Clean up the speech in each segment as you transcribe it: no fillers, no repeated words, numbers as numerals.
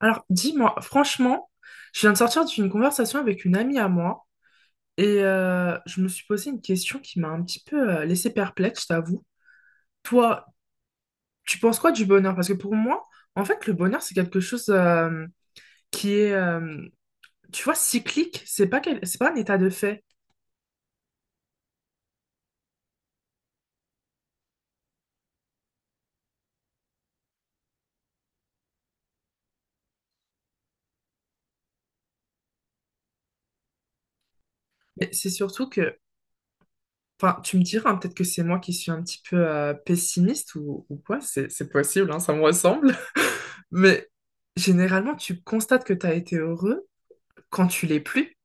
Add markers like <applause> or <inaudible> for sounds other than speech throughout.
Alors, dis-moi, franchement, je viens de sortir d'une conversation avec une amie à moi et je me suis posé une question qui m'a un petit peu laissé perplexe, je t'avoue. Toi, tu penses quoi du bonheur? Parce que pour moi, en fait, le bonheur, c'est quelque chose qui est, tu vois, cyclique. C'est pas c'est pas un état de fait. Mais c'est surtout que, enfin, tu me diras, hein, peut-être que c'est moi qui suis un petit peu pessimiste ou quoi, c'est possible, hein, ça me ressemble. <laughs> Mais généralement, tu constates que tu as été heureux quand tu l'es plus.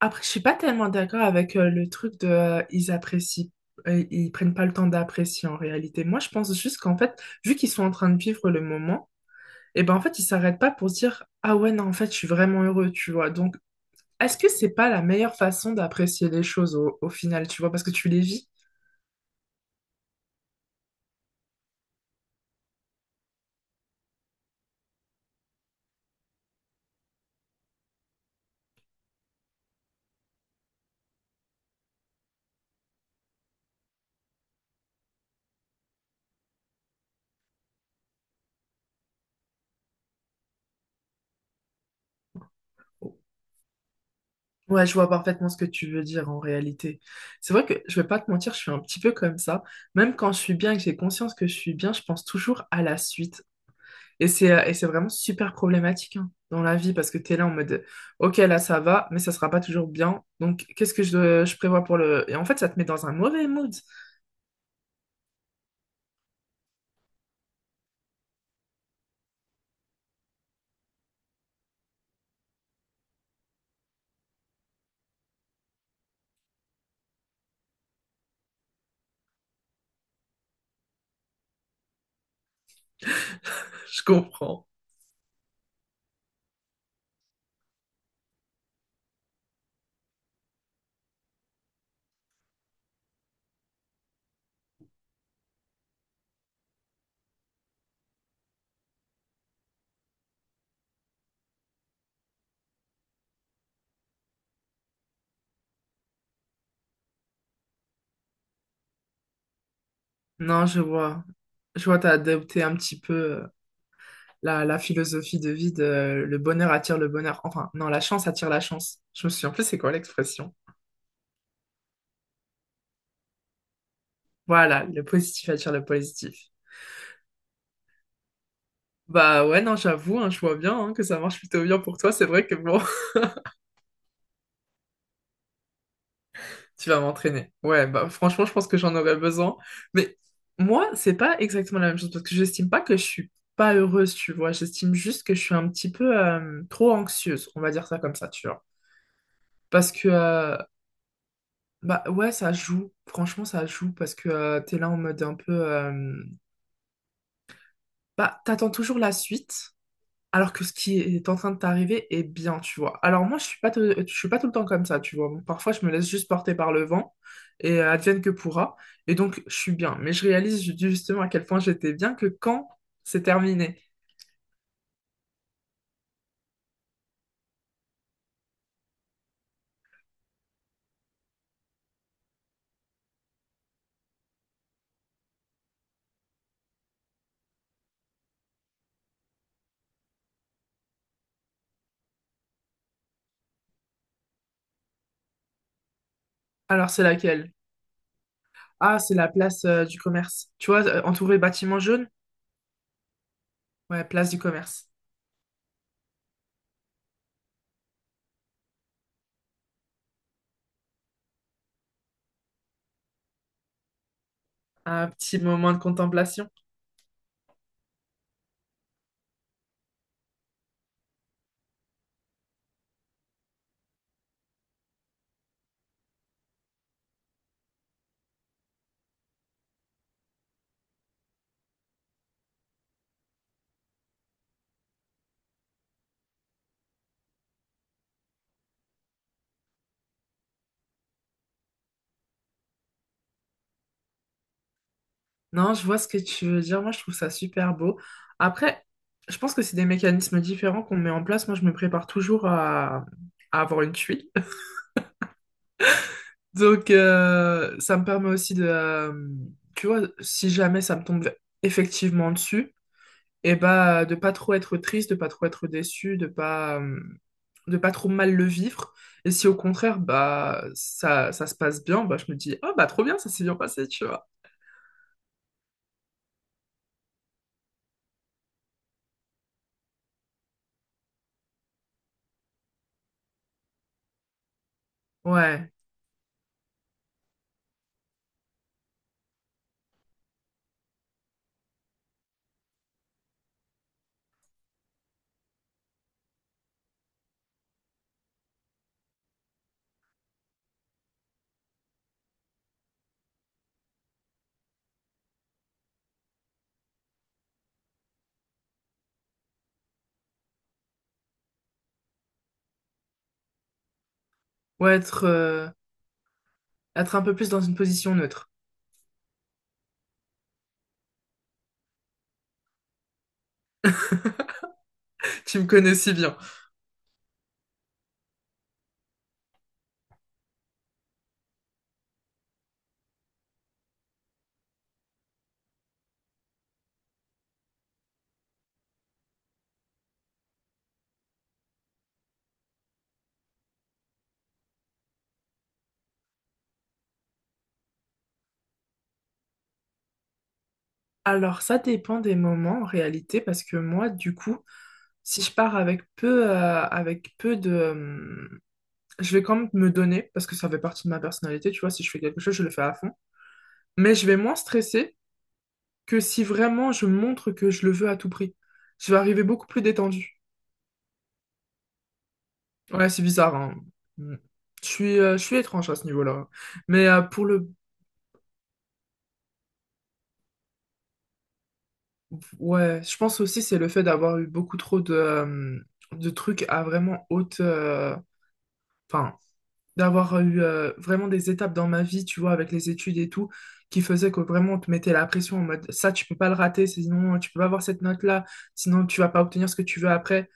Après, je suis pas tellement d'accord avec le truc de ils apprécient, ils prennent pas le temps d'apprécier en réalité. Moi, je pense juste qu'en fait, vu qu'ils sont en train de vivre le moment, et ben en fait, ils s'arrêtent pas pour se dire ah ouais, non, en fait, je suis vraiment heureux, tu vois. Donc, est-ce que c'est pas la meilleure façon d'apprécier les choses au, au final, tu vois, parce que tu les vis? Ouais, je vois parfaitement ce que tu veux dire en réalité. C'est vrai que je vais pas te mentir, je suis un petit peu comme ça. Même quand je suis bien et que j'ai conscience que je suis bien, je pense toujours à la suite. Et c'est vraiment super problématique hein, dans la vie parce que tu es là en mode OK, là ça va, mais ça sera pas toujours bien. Donc qu'est-ce que je prévois pour le… Et en fait, ça te met dans un mauvais mood. <laughs> Je comprends. Non, je vois. Je vois, t'as adopté un petit peu la, la philosophie de vie de le bonheur attire le bonheur. Enfin, non, la chance attire la chance. Je me souviens plus c'est quoi l'expression. Voilà, le positif attire le positif. Bah ouais, non, j'avoue, hein, je vois bien hein, que ça marche plutôt bien pour toi. C'est vrai que bon, <laughs> tu vas m'entraîner. Ouais, bah franchement, je pense que j'en aurais besoin. Mais moi, c'est pas exactement la même chose parce que j'estime pas que je suis pas heureuse, tu vois. J'estime juste que je suis un petit peu trop anxieuse, on va dire ça comme ça, tu vois. Parce que, bah ouais, ça joue. Franchement, ça joue parce que t'es là en mode un peu. Bah, t'attends toujours la suite. Alors que ce qui est en train de t'arriver est bien, tu vois. Alors moi, je suis pas, je suis pas tout le temps comme ça, tu vois. Parfois, je me laisse juste porter par le vent et advienne que pourra. Et donc, je suis bien. Mais je réalise justement à quel point j'étais bien que quand c'est terminé. Alors, c'est laquelle? Ah, c'est la place du commerce. Tu vois, entourée bâtiments jaunes? Ouais, place du commerce. Un petit moment de contemplation. Non, je vois ce que tu veux dire. Moi, je trouve ça super beau. Après, je pense que c'est des mécanismes différents qu'on met en place. Moi, je me prépare toujours à avoir une tuile. <laughs> Donc, ça me permet aussi de, tu vois, si jamais ça me tombe effectivement dessus, et bah, de pas trop être triste, de pas trop être déçu, de pas trop mal le vivre. Et si au contraire, bah, ça se passe bien, bah, je me dis, oh, bah, trop bien, ça s'est bien passé, tu vois. Ouais, ouais, être, être un peu plus dans une position neutre. Tu me connais si bien. Alors, ça dépend des moments en réalité, parce que moi, du coup, si je pars avec peu de… je vais quand même me donner, parce que ça fait partie de ma personnalité, tu vois, si je fais quelque chose, je le fais à fond. Mais je vais moins stresser que si vraiment je montre que je le veux à tout prix. Je vais arriver beaucoup plus détendue. Ouais, c'est bizarre, hein. Mm. Je suis étrange à ce niveau-là. Mais pour le… Ouais, je pense aussi c'est le fait d'avoir eu beaucoup trop de trucs à vraiment haute… Enfin, d'avoir eu vraiment des étapes dans ma vie, tu vois, avec les études et tout, qui faisaient que vraiment on te mettait la pression en mode ça, tu peux pas le rater, sinon tu peux pas avoir cette note-là, sinon tu vas pas obtenir ce que tu veux après.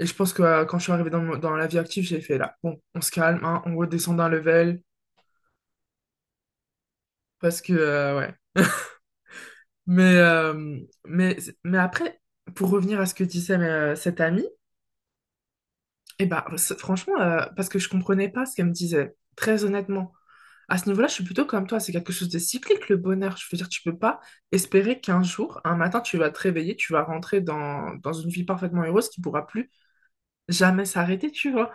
Et je pense que quand je suis arrivée dans, dans la vie active, j'ai fait là, bon, on se calme, hein, on redescend d'un level, parce que, ouais. Mais, euh, mais, mais après, pour revenir à ce que disait cette amie, et bah, franchement, parce que je comprenais pas ce qu'elle me disait, très honnêtement. À ce niveau-là, je suis plutôt comme toi, c'est quelque chose de cyclique, le bonheur. Je veux dire, tu peux pas espérer qu'un jour, un matin, tu vas te réveiller, tu vas rentrer dans, dans une vie parfaitement heureuse qui pourra plus jamais s'arrêter, tu vois.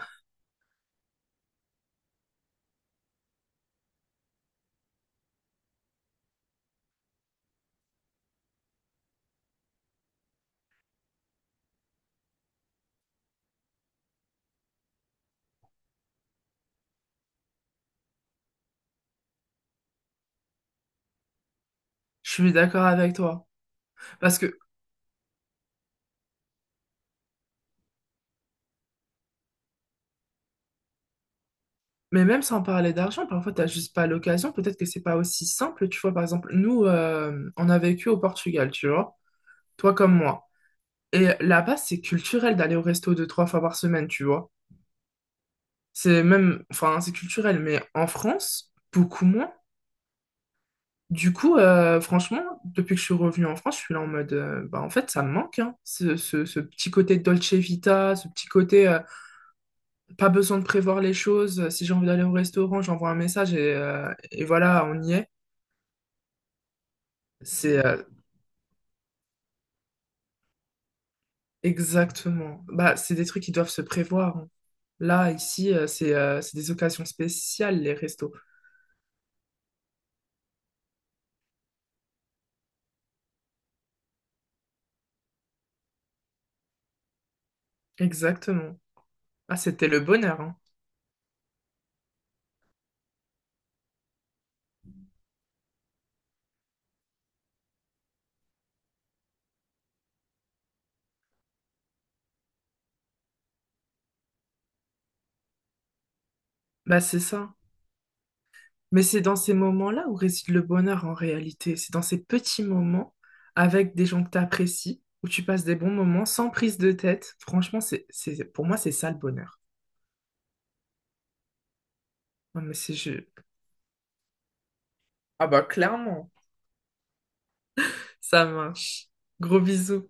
Je suis d'accord avec toi. Parce que, mais même sans parler d'argent, parfois, t'as juste pas l'occasion. Peut-être que c'est pas aussi simple, tu vois. Par exemple, nous, on a vécu au Portugal, tu vois. Toi comme moi. Et là-bas, c'est culturel d'aller au resto deux, trois fois par semaine, tu vois. C'est même, enfin, c'est culturel, mais en France, beaucoup moins. Du coup, franchement, depuis que je suis revenue en France, je suis là en mode, bah, en fait, ça me manque, hein, ce, ce petit côté Dolce Vita, ce petit côté, pas besoin de prévoir les choses. Si j'ai envie d'aller au restaurant, j'envoie un message et voilà, on y est. C'est exactement. Bah, c'est des trucs qui doivent se prévoir. Hein. Là, ici, c'est des occasions spéciales, les restos. Exactement. Ah, c'était le bonheur, hein. Bah, c'est ça. Mais c'est dans ces moments-là où réside le bonheur en réalité. C'est dans ces petits moments avec des gens que tu apprécies, où tu passes des bons moments sans prise de tête. Franchement, c'est, pour moi, c'est ça le bonheur. Non, mais c'est je… Ah bah clairement, ça marche. Gros bisous.